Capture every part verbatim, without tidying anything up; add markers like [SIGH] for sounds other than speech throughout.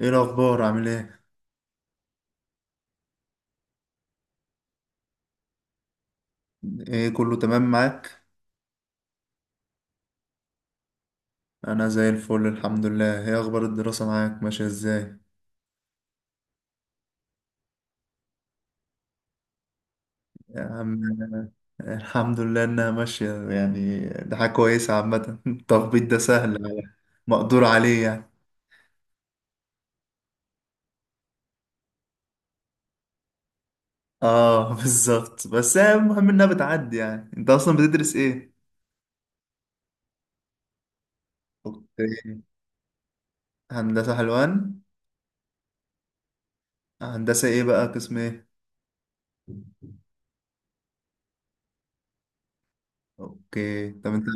ايه الاخبار؟ عامل ايه؟ ايه كله تمام معاك؟ انا زي الفل الحمد لله. ايه اخبار الدراسة معاك؟ ماشية ازاي؟ يا عم الحمد لله انها ماشية، يعني ده حاجة كويسة عامة. [LAUGHS] التخبيط ده سهل، مقدور عليه يعني. اه [LAUGHS] بالظبط، بس هي المهم انها بتعدي. يعني انت اصلا بتدرس ايه؟ اوكي. هندسة حلوان. هندسة ايه بقى؟ قسم ايه؟ اوكي، طب انت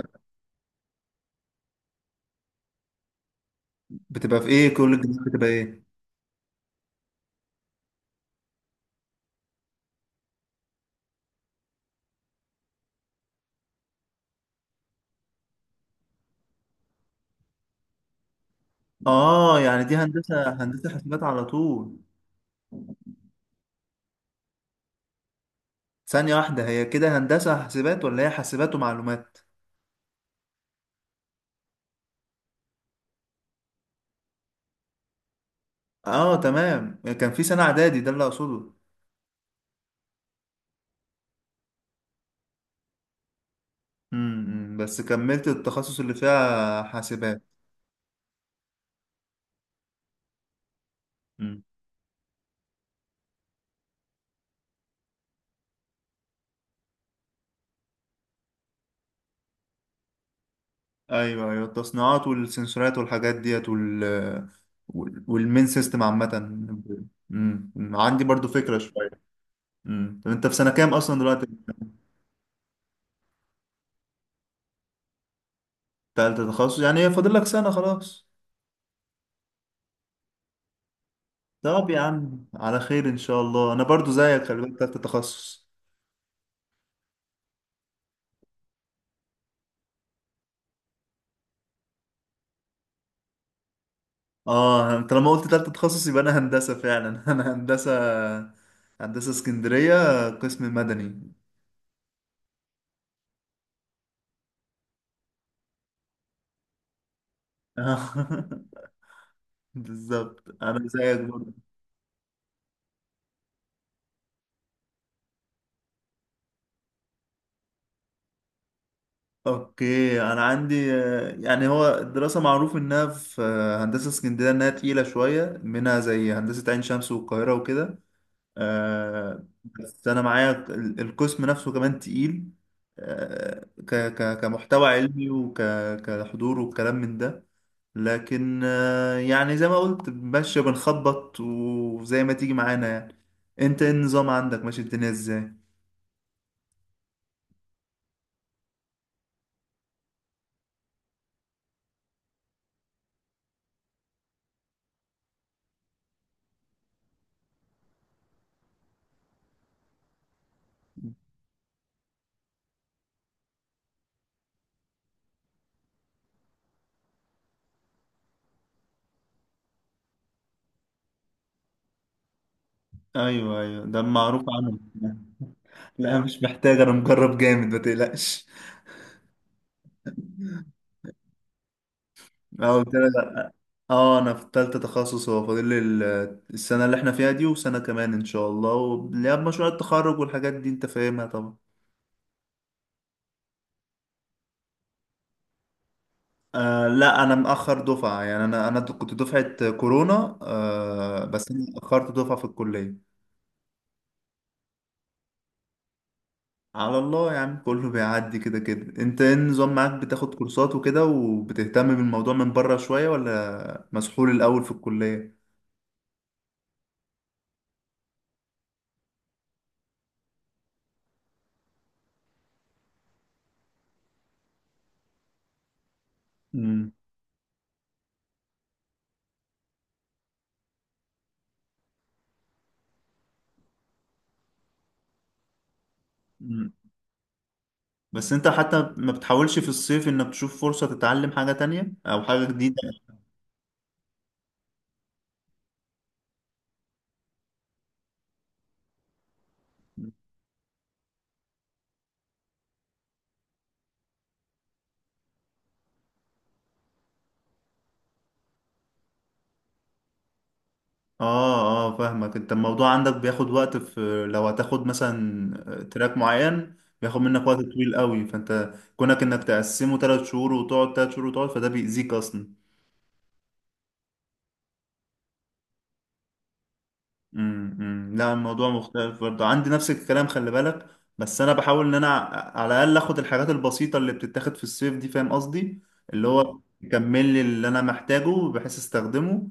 بتبقى في ايه؟ كل الجامعات بتبقى ايه؟ اه، يعني دي هندسة، هندسة حاسبات على طول. ثانية واحدة، هي كده هندسة حاسبات ولا هي حاسبات ومعلومات؟ اه تمام، كان في سنة إعدادي، ده اللي أقصده. امم بس كملت التخصص اللي فيها حاسبات. امم. أيوه أيوه، التصنيعات والسنسورات والحاجات ديت، وال والمين سيستم عامة. امم عندي برضو فكرة شوية. امم طب أنت في سنة كام أصلا دلوقتي؟ تالتة تخصص، يعني هي فاضل لك سنة خلاص. طب يا عم على خير إن شاء الله، أنا برضو زيك، خلي بالك، تالتة تخصص. اه، انت لما قلت تالتة تخصص يبقى انا هندسة فعلا. [LAUGHS] انا هندسة، هندسة اسكندرية قسم مدني. [LAUGHS] بالظبط، انا زيك برضه. اوكي، انا عندي آه، يعني هو الدراسة معروف انها في آه، هندسة اسكندرية، انها تقيلة شوية، منها زي هندسة عين شمس والقاهرة وكده. آه بس انا معايا ال- القسم نفسه كمان تقيل. آه ك ك كمحتوى علمي، وك كحضور وكلام من ده. لكن آه يعني زي ما قلت، ماشي بنخبط، وزي ما تيجي معانا يعني. انت إيه النظام عندك؟ ماشي الدنيا ازاي؟ ايوه ايوه، ده معروف عنه. [LAUGHS] لا مش محتاج، انا مجرب جامد ما تقلقش. أه، قلت لك. اه انا في تالتة تخصص، هو فاضل لي ال- السنة اللي احنا فيها دي وسنة كمان ان شاء الله، واللي هي مشروع التخرج والحاجات دي انت فاهمها طبعا. آه لا، انا مأخر دفعة، يعني انا انا كنت دفعة كورونا، آه بس انا اتأخرت دفعة في الكلية. على الله يا عم، كله بيعدي كده كده. انت ايه النظام معاك؟ بتاخد كورسات وكده وبتهتم بالموضوع من بره شوية، ولا مسحول الاول في الكلية؟ مم. مم. بس انت حتى ما بتحاولش في الصيف انك تشوف فرصة تتعلم حاجة تانية او حاجة جديدة؟ اه. اه فاهمك. انت الموضوع عندك بياخد وقت في لو هتاخد مثلا آه، تراك معين، بياخد منك وقت طويل قوي، فانت كونك انك تقسمه ثلاث شهور وتقعد ثلاث شهور وتقعد، فده بيأذيك اصلا. امم، أمم. لا الموضوع مختلف برضه عندي، نفس الكلام خلي بالك. بس انا بحاول ان انا ع- على الاقل اخد الحاجات البسيطه اللي بتتاخد في الصيف دي، فاهم قصدي؟ اللي هو اه يكمل لي اللي انا محتاجه بحيث استخدمه.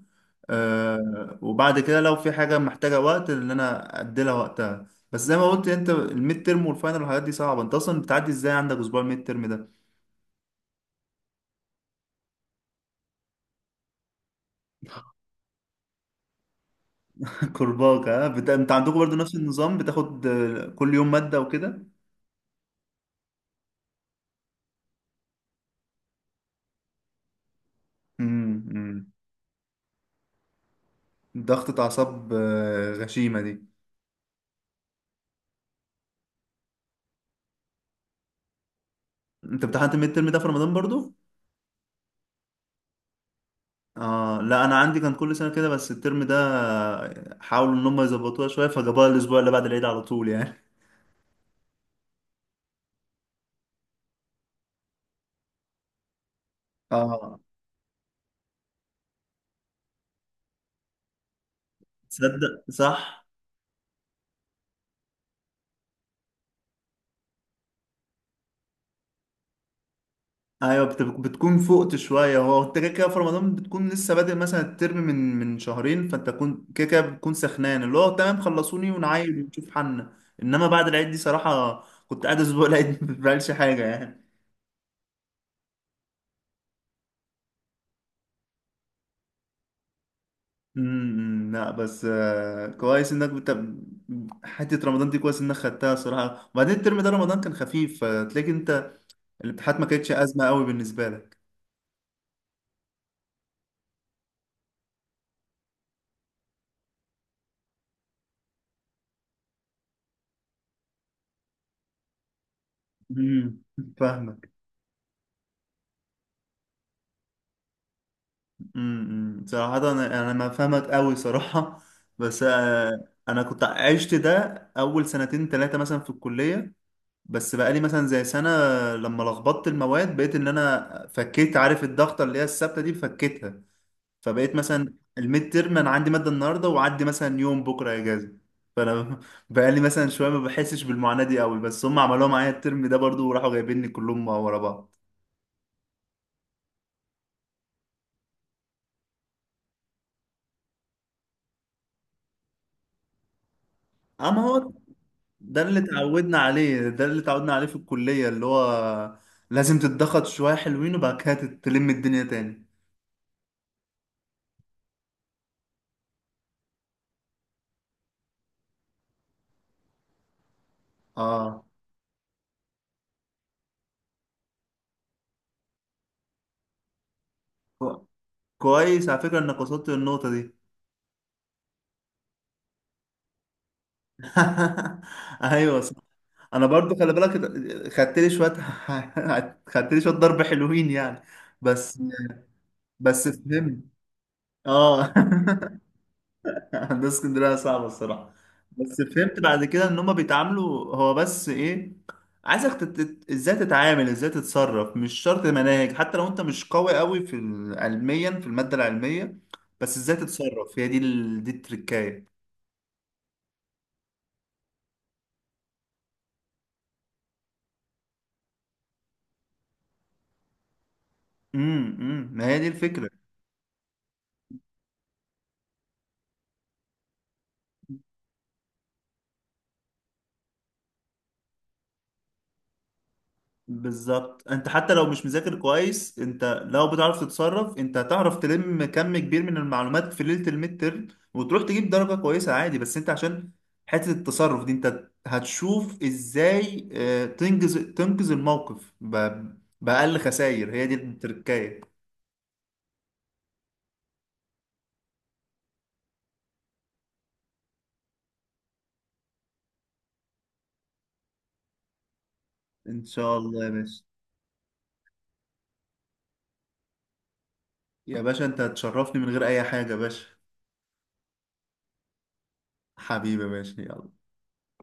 آه وبعد كده لو في حاجه محتاجه وقت اللي انا ادي لها وقتها. بس زي ما قلت، انت الميد ترم والفاينل والحاجات دي صعبه، انت اصلا بتعدي ازاي عندك اسبوع الميد ترم ده؟ [LAUGHS] كرباك، ها، بت... انت عندكم برضه نفس النظام، بتاخد آه، كل يوم ماده وكده؟ امم، أمم. ضغطة أعصاب آه، غشيمة دي. أنت امتحنت الميد ترم ده في رمضان برضو؟ آه لا، أنا عندي كان كل سنة كده، بس الترم ده آه، حاولوا إن هم يظبطوها شوية، فجابوها الأسبوع اللي بعد العيد على طول يعني. آه، تصدق صح. أيوة، بت- بتكون فقت شوية. هو أنت كده كده في رمضان بتكون لسه بادئ مثلا الترم من من شهرين، فأنت كون كده كده بتكون سخنان، اللي هو تمام خلصوني ونعايد ونشوف حالنا. إنما بعد العيد دي صراحة كنت قاعد أسبوع العيد [LAUGHS] ما بعملش حاجة يعني. امم، لا بس آه، كويس انك بت... حته رمضان دي كويس انك خدتها صراحه، وبعدين الترم ده رمضان كان خفيف، فتلاقي انت الامتحانات ما كانتش ازمه قوي بالنسبه لك. امم. فاهمك. امم صراحه انا، انا ما فاهمك قوي صراحه. بس آه، انا كنت عشت ده اول سنتين ثلاثه مثلا في الكليه، بس بقالي مثلا زي سنه لما لخبطت المواد، بقيت ان انا فكيت، عارف الضغطه اللي هي الثابته دي؟ فكيتها. فبقيت مثلا الميد ترم انا عندي ماده النهارده وعندي مثلا يوم بكره اجازه، فانا [LAUGHS] بقالي مثلا شويه ما بحسش بالمعاناه دي قوي. بس هم عملوها معايا الترم ده برضو، وراحوا جايبيني كلهم ورا بعض. اما هو ده اللي اتعودنا عليه، ده اللي اتعودنا عليه في الكليه، اللي هو لازم تتضغط شويه حلوين وبعد كده تلم الدنيا تاني. اه، كو- كويس على فكره انك وصلت للنقطه دي. [LAUGHS] ايوه. انا برضو خلي بالك، خدت لي شويه [LAUGHS] خدت لي شويه ضرب حلوين يعني. بس بس فهمت. اه. [LAUGHS] هندسه اسكندريه صعبه الصراحه. بس فهمت بعد كده ان هما بيتعاملوا، هو بس ايه؟ عايزك تت... تت- ازاي تتعامل، ازاي تتصرف. مش شرط مناهج، حتى لو انت مش قوي قوي في ال- علميا في الماده العلميه، بس ازاي تتصرف. هي دي ال... دي التركايه. امم، أمم، ما هي دي الفكره. بالظبط، انت حتى لو مش مذاكر كويس، انت لو بتعرف تتصرف انت هتعرف تلم كم كبير من المعلومات في ليلة الميد ترم وتروح تجيب درجة كويسة عادي. بس انت عشان حتة التصرف دي، انت هتشوف ازاي، اه، تنجز تنقذ الموقف ب- بأقل خسائر. هي دي التركاية. ان شاء الله يا باشا. يا باشا انت هتشرفني من غير اي حاجة يا باشا. حبيبي يا باشا، يلا.